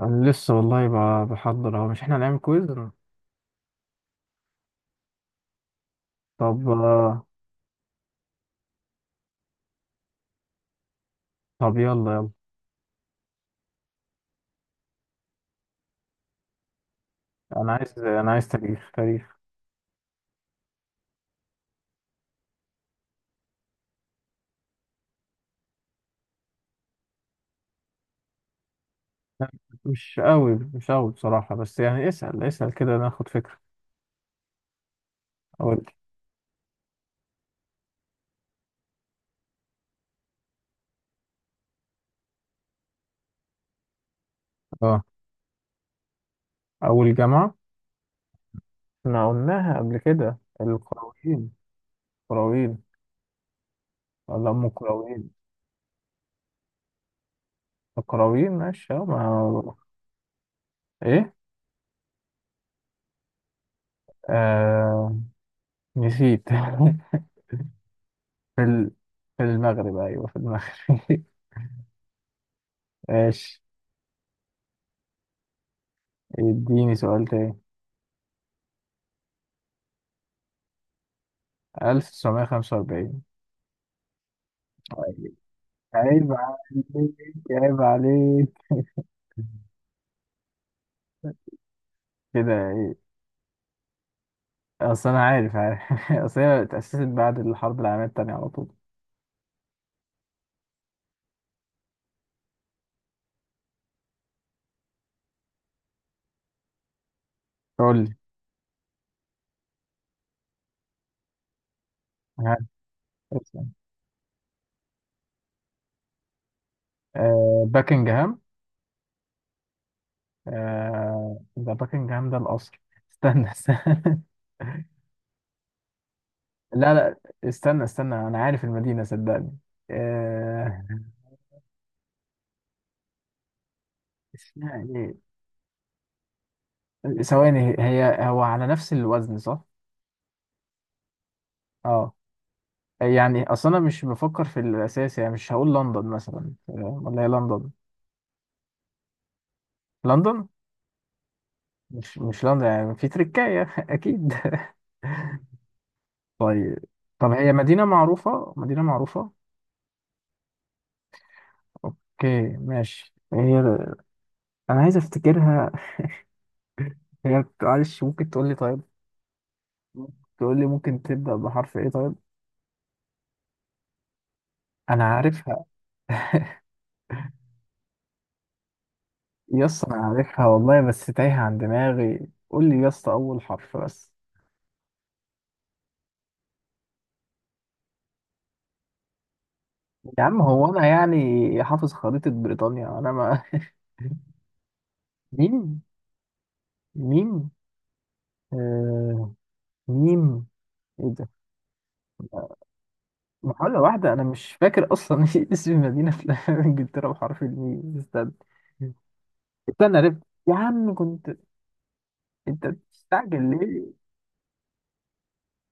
انا لسه والله، بحضر اهو، مش احنا هنعمل كويز؟ طب. طب يلا يلا. انا عايز تاريخ. مش قوي مش قوي بصراحة، بس يعني اسأل اسأل كده ناخد فكرة. اول اه اول جامعة. احنا قلناها قبل كده، القرويين. قرويين ولا ام القرويين؟ القرويين ماشي. اه ما ايه؟ آه... نسيت. في ال... في المغرب، ايوه في المغرب. ماشي. اديني سؤال تاني. 1945. طيب. عيب عليك. عيب عليك. كده ايه؟ اصل انا عارف عارف. اصل هي اتأسست بعد الحرب العالمية التانية على طول. قول لي. ها، اسمع. باكنجهام. ده باكنجهام، ده القصر. استنى استنى. لا لا. استنى استنى، انا عارف المدينة صدقني. آه. اسمها ايه؟ ثواني، هو على نفس الوزن صح؟ اه. يعني اصلا انا مش بفكر في الاساس، يعني مش هقول لندن مثلا، فاهم؟ ولا هي لندن؟ لندن. مش لندن يعني، في تركاية اكيد. طيب. طب هي مدينة معروفة، مدينة معروفة. اوكي ماشي، هي. انا عايز افتكرها. هي معلش، ممكن تقول لي طيب؟ تقول لي ممكن تبدأ بحرف ايه طيب؟ انا عارفها. يس، انا عارفها والله، بس تايهة عن دماغي، قول لي يس اول حرف بس. يا عم هو انا يعني حافظ خريطة بريطانيا؟ انا ما ميم. ميم. آه ميم. ايه ده؟ محاولة واحدة، انا مش فاكر اصلا. اسم المدينة في انجلترا بحرف الميم، استنى. استنى، عرفت. يا عم كنت، انت بتستعجل ليه؟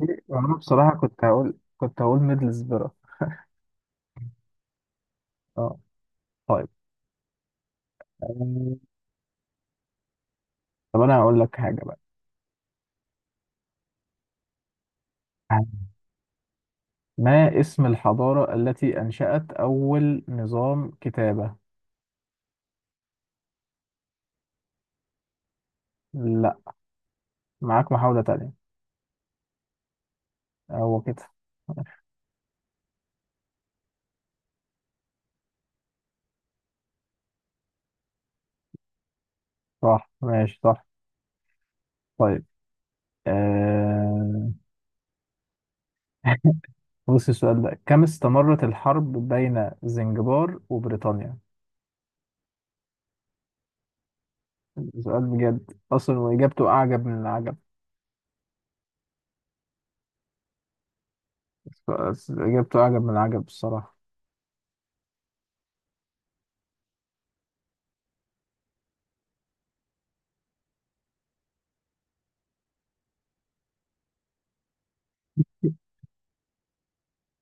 ليه؟ وانا بصراحة كنت هقول ميدلسبرا. اه. طيب. آه، طب انا هقول لك حاجة بقى. ما اسم الحضارة التي انشأت اول نظام كتابة؟ معاك محاولة تانية. هو كده. صح ماشي صح. طيب. آه... بص السؤال ده، كم استمرت الحرب بين زنجبار وبريطانيا؟ سؤال بجد أصلا وإجابته أعجب من العجب. إجابته أعجب من العجب الصراحة.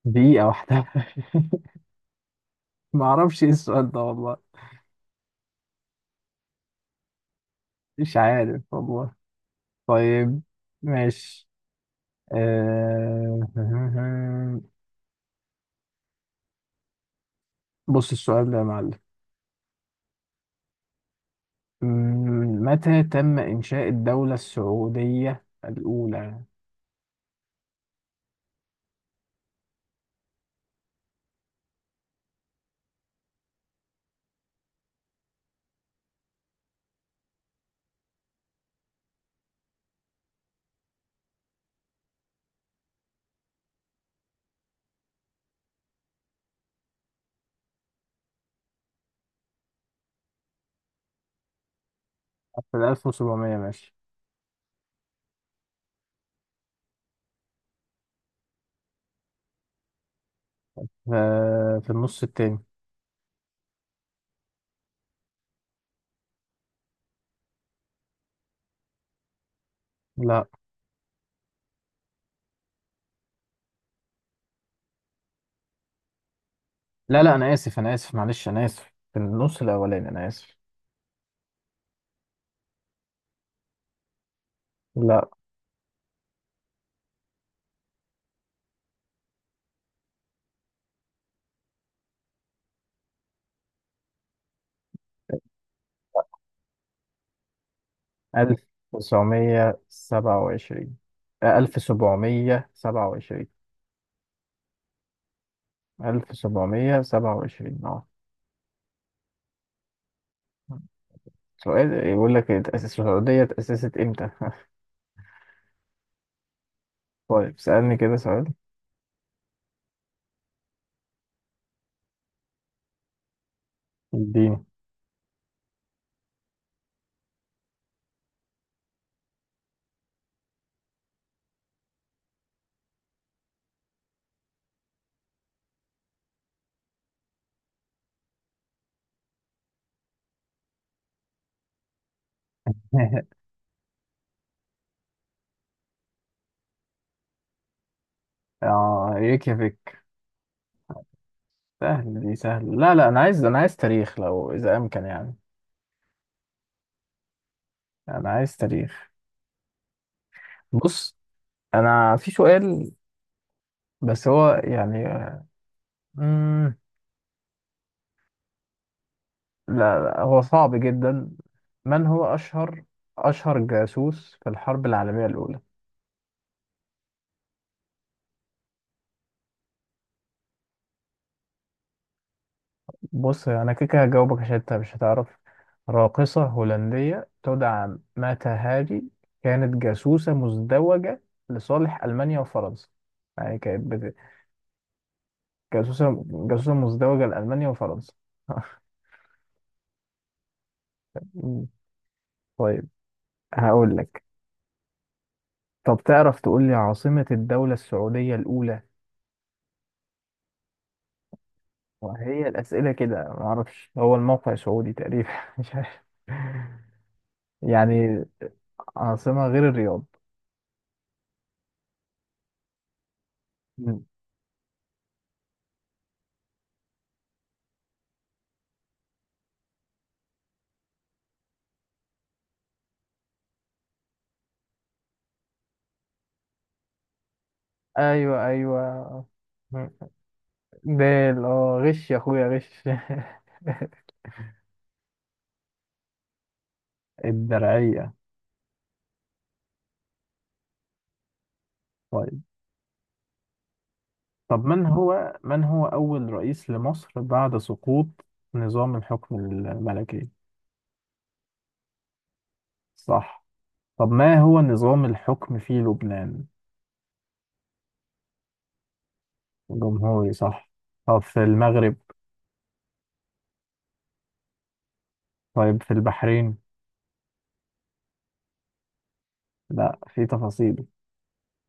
دقيقة واحدة. معرفش إيه السؤال ده والله. مش عارف والله. طيب. ماشي. آه... بص السؤال ده يا معلم. متى تم إنشاء الدولة السعودية الأولى؟ في 1700 ماشي. ف- في النص التاني. لا لا لا، أنا آسف أنا آسف معلش أنا آسف، في النص الأولاني أنا آسف. لا. 1927. 1727. 1727 اه. سؤال يقول لك اتأسس السعودية اتأسست إمتى؟ طيب سألني كده سؤال. اديني. اه ريكيافيك. سهلة دي سهلة، لا لا، أنا عايز تاريخ لو إذا أمكن يعني. أنا عايز تاريخ. بص، أنا في سؤال بس هو يعني مم... لا، لا هو صعب جدا. من هو أشهر جاسوس في الحرب العالمية الأولى؟ بص أنا كده كده هجاوبك عشان أنت مش هتعرف. راقصة هولندية تدعى ماتا هاري، كانت جاسوسة مزدوجة لصالح ألمانيا وفرنسا. يعني كانت جاسوسة مزدوجة لألمانيا وفرنسا. مم. طيب. هقول لك. طب تعرف تقول لي عاصمة الدولة السعودية الأولى؟ وهي الأسئلة كده، معرفش، هو الموقع سعودي تقريبا مش عارف يعني. عاصمة غير الرياض. مم. أيوة أيوة. مم. دال، غش يا أخويا غش. الدرعية. طيب. طب من هو أول رئيس لمصر بعد سقوط نظام الحكم الملكي؟ صح. طب ما هو نظام الحكم في لبنان؟ جمهوري صح. طب في المغرب؟ طيب في البحرين؟ لا في تفاصيل.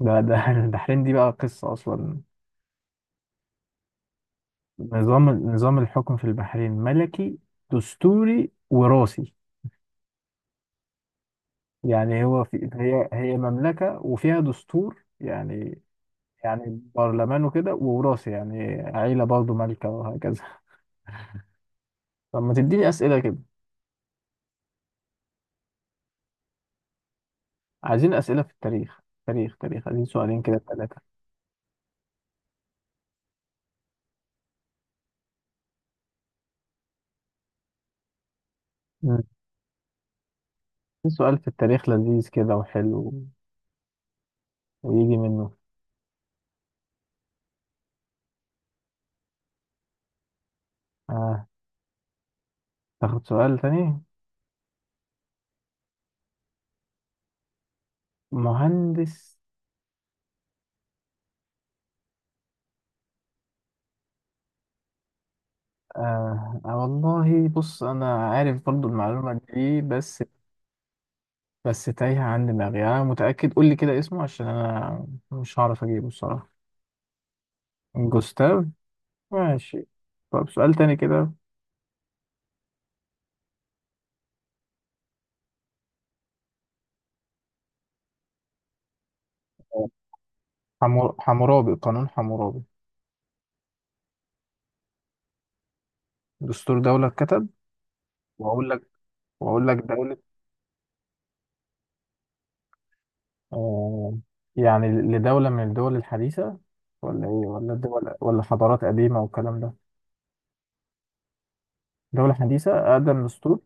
ده البحرين دي بقى قصة أصلا. نظام الحكم في البحرين ملكي دستوري وراثي. يعني هو في هي هي مملكة وفيها دستور يعني. يعني برلمان وكده ووراثي، يعني عيلة برضه مالكة وهكذا. طب ما تديني أسئلة كده. عايزين أسئلة في التاريخ. تاريخ تاريخ، عايزين سؤالين كده، ثلاثة. في سؤال في التاريخ لذيذ كده وحلو، ويجي منه. آه. تاخد سؤال تاني. مهندس. آه. والله بص أنا عارف برضو المعلومة دي، بس بس تايهة عن دماغي، أنا متأكد، قول لي كده اسمه عشان أنا مش هعرف أجيبه الصراحة. جوستاف. ماشي. طب سؤال تاني كده. حمورابي، قانون حمورابي. دستور دولة اتكتب. وأقول لك وأقول لك دولة. آه، يعني لدولة من الدول الحديثة، ولا إيه، ولا دول ولا حضارات قديمة والكلام ده؟ دولة حديثة، أقدم دستور.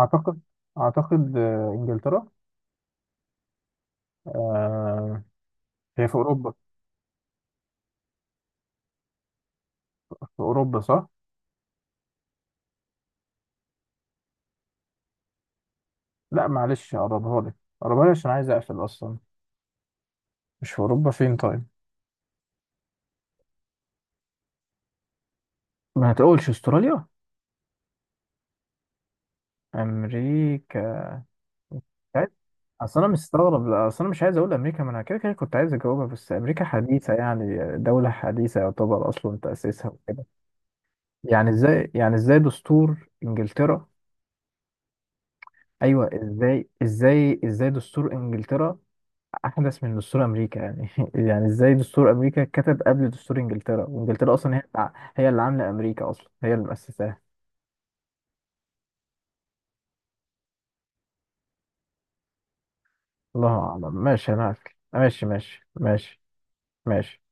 أعتقد، أعتقد إنجلترا. آه، هي في أوروبا. في أوروبا صح؟ لا معلش، أقربها لك. أقربها لك عشان عايز أقفل أصلا. مش في أوروبا، فين طيب؟ ما هتقولش أستراليا؟ أمريكا. عايز- اصل انا مستغرب، لا، اصل انا مش عايز اقول امريكا، ما انا كده كده كنت عايز اجاوبها بس امريكا حديثه، يعني دوله حديثه يعتبر اصلا تاسيسها. يعني ازاي، يعني ازاي دستور انجلترا، ايوه ازاي ازاي ازاي دستور انجلترا احدث من دستور امريكا يعني؟ يعني ازاي دستور امريكا اتكتب قبل دستور انجلترا وانجلترا اصلا هي اللي عامله امريكا اصلا، هي اللي مؤسساها. الله اعلم، ماشي انا معاك، ماشي ماشي ماشي ماشي